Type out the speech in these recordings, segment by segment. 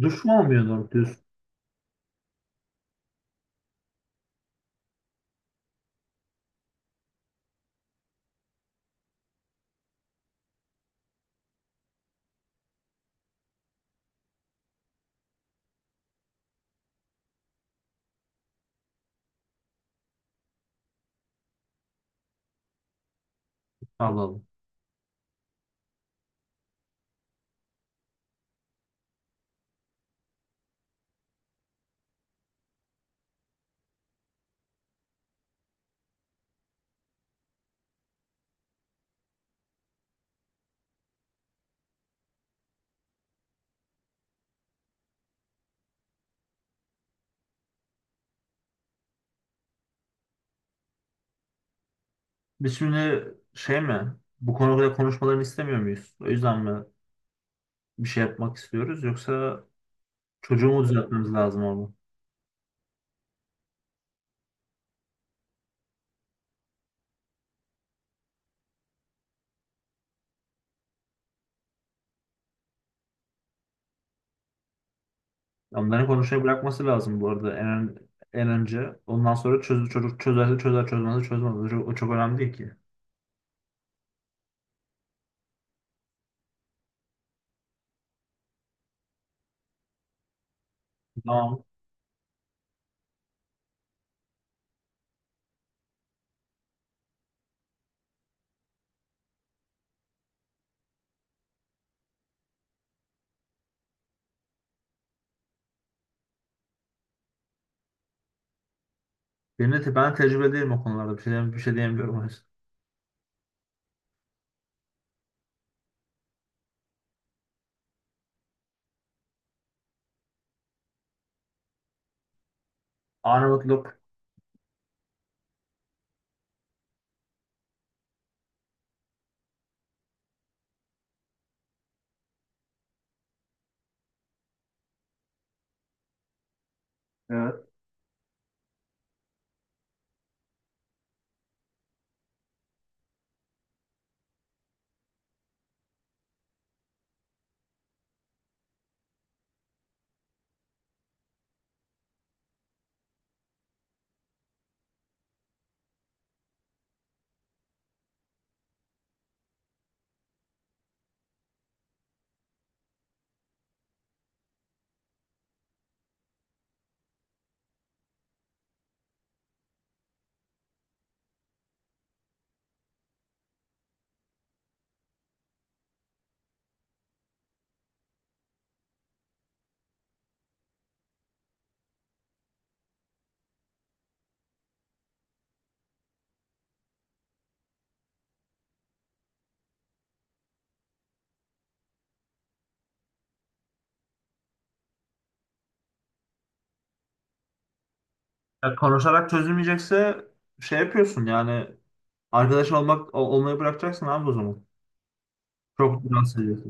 Duş mu olmuyor doğru düz? Allah Allah. Biz şimdi şey mi? Bu konuda konuşmalarını istemiyor muyuz? O yüzden mi bir şey yapmak istiyoruz? Yoksa çocuğu mu düzeltmemiz lazım orada. Onların konuşmayı bırakması lazım bu arada en önce. Ondan sonra çocuk çözerse çözer, çözmezse çözmez. O çok önemli değil ki. Tamam. Ben tecrübe değilim o konularda. Bir şey diyemiyorum, o yüzden. Arnavutluk. Evet. Ya konuşarak çözülmeyecekse şey yapıyorsun yani, arkadaş olmayı bırakacaksın abi o zaman. Çok rahatsız ediyor.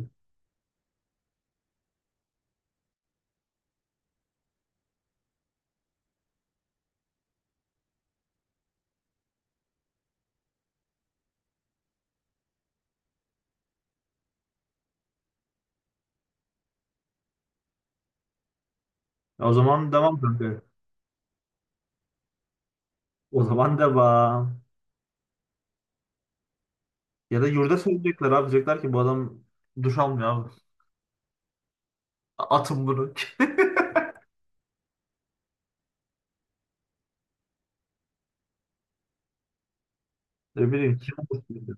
O zaman devam kanka. O zaman devam. Ya da yurda söyleyecekler abi. Diyecekler ki bu adam duş almıyor abi. Atın bunu. Ne bileyim, kim umursuyor?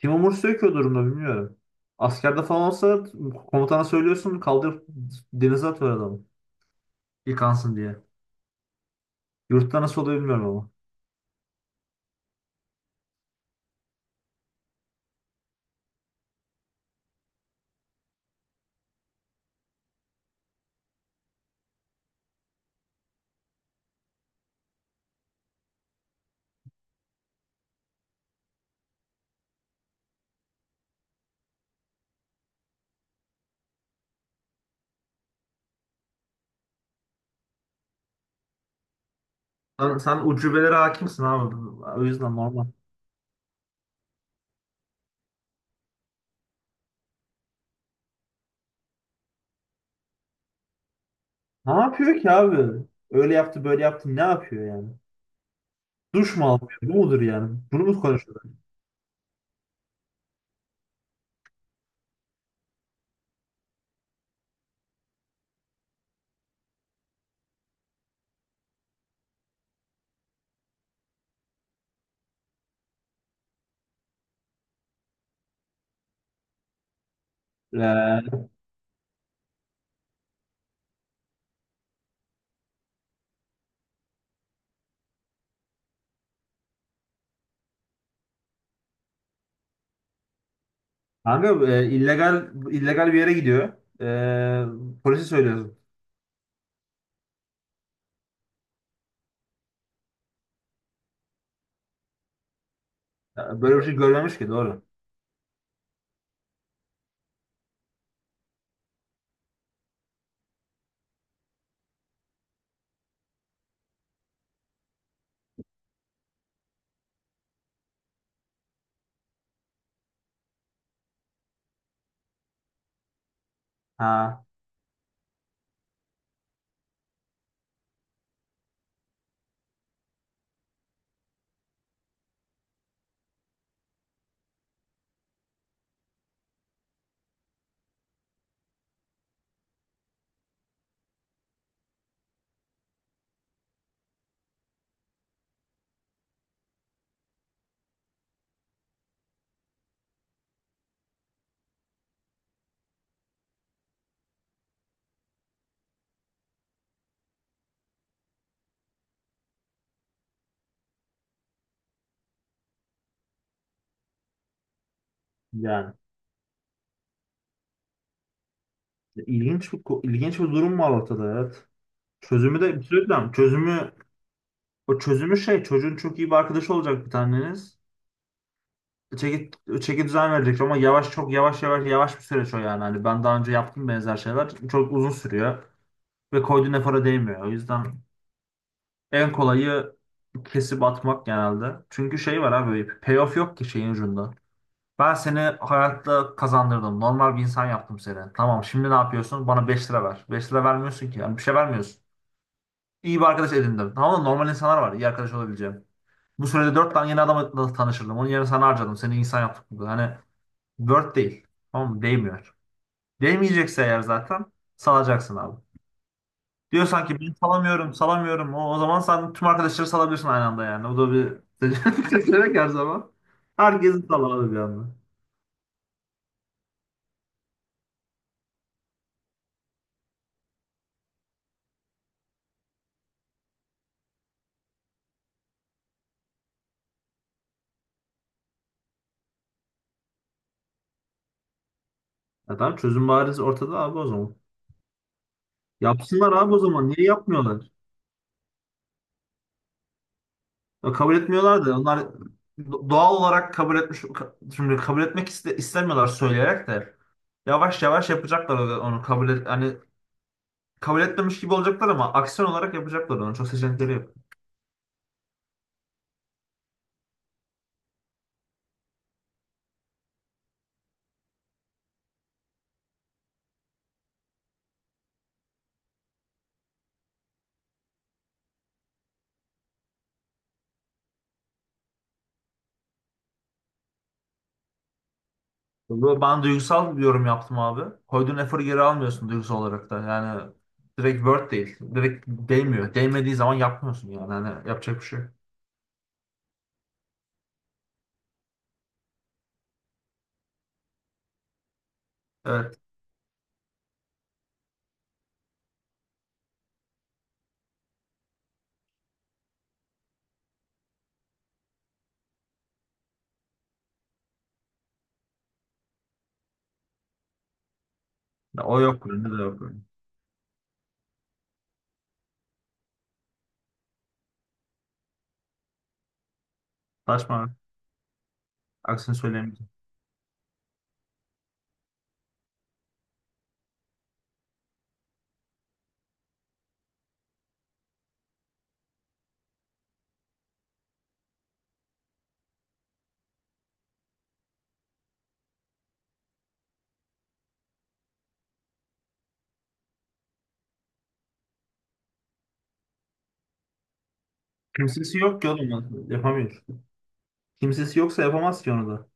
Kim umursuyor ki o durumda, bilmiyorum. Askerde falan olsa komutana söylüyorsun, kaldırıp denize atıyor adamı. Yıkansın diye. Yurtta nasıl oluyor bilmiyorum ama. Sen ucubelere hakimsin abi. O yüzden normal. Ne yapıyor ki abi? Öyle yaptı, böyle yaptı, ne yapıyor yani? Duş mu almıyor? Bu mudur yani? Bunu mu konuşuyorlar? Kanka illegal bir yere gidiyor. Polise söylüyorsun. Ya, böyle bir şey görmemiş ki doğru. Ha, yani ilginç bir durum var ortada, evet. Çözümü de, bir şey diyeceğim. Çözümü şey, çocuğun çok iyi bir arkadaşı olacak bir taneniz. Çeki, çeki düzen verecek ama yavaş, çok yavaş bir süreç o yani. Hani ben daha önce yaptım benzer şeyler. Çok uzun sürüyor ve koyduğun efora değmiyor. O yüzden en kolayı kesip atmak genelde. Çünkü şey var abi, payoff yok ki şeyin ucunda. Ben seni hayatta kazandırdım. Normal bir insan yaptım seni. Tamam, şimdi ne yapıyorsun? Bana 5 lira ver. 5 lira vermiyorsun ki. Yani bir şey vermiyorsun. İyi bir arkadaş edindim. Tamam mı? Normal insanlar var iyi arkadaş olabileceğim. Bu sürede 4 tane yeni adamla tanışırdım. Onun yerine sana harcadım. Seni insan yaptık burada. Hani dört değil. Tamam mı? Değmiyor. Değmeyecekse eğer zaten salacaksın abi. Diyorsan ki ben salamıyorum. o zaman sen tüm arkadaşları salabilirsin aynı anda yani. Bu da bir seçenek her zaman. Herkesi sal abi bir anda. Ya tamam, çözüm bariz ortada abi o zaman. Yapsınlar abi o zaman. Niye yapmıyorlar? Ya kabul etmiyorlar da onlar doğal olarak şimdi istemiyorlar, söyleyerek de yavaş yavaş yapacaklar onu, onu kabul et, hani kabul etmemiş gibi olacaklar ama aksiyon olarak yapacaklar onu. Çok seçenekleri yok. Ben duygusal bir yorum yaptım abi. Koyduğun eforu geri almıyorsun duygusal olarak da. Yani direkt word değil. Direkt değmiyor. Değmediği zaman yapmıyorsun yani. Hani yapacak bir şey yok. Evet. Ya o yok, bende de yok. Saçma. Aksini söyleyemeyeceğim. Kimsesi yok ki oğlum, lan. Yapamıyor. Kimsesi yoksa yapamaz ki onu da.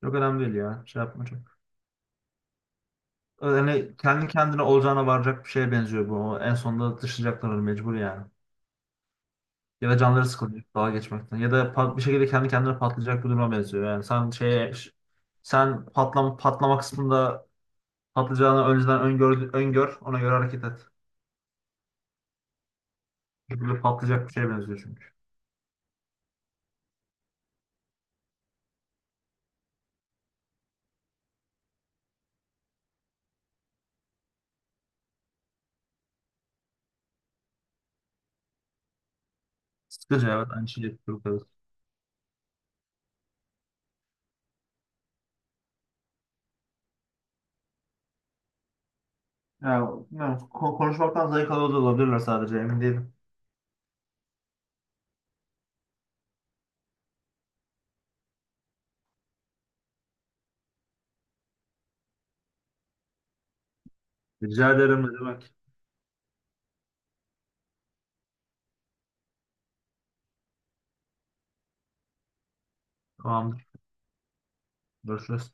Çok önemli değil ya. Şey yapma çok. Yani kendi kendine olacağına varacak bir şeye benziyor bu. O en sonunda dışlayacaklar onu mecbur yani. Ya da canları sıkılacak dalga geçmekten. Ya da bir şekilde kendi kendine patlayacak bir duruma benziyor. Yani sen patlama kısmında patlayacağını önceden öngör, ona göre hareket et. Böyle patlayacak bir şeye benziyor çünkü. Sıkıcı, evet, aynı şeyi yapıyoruz. Yani bilmiyorum, konuşmaktan zayıf alıyor da olabilirler, sadece emin değilim. Rica ederim, ne demek. Tamamdır. Görüşürüz.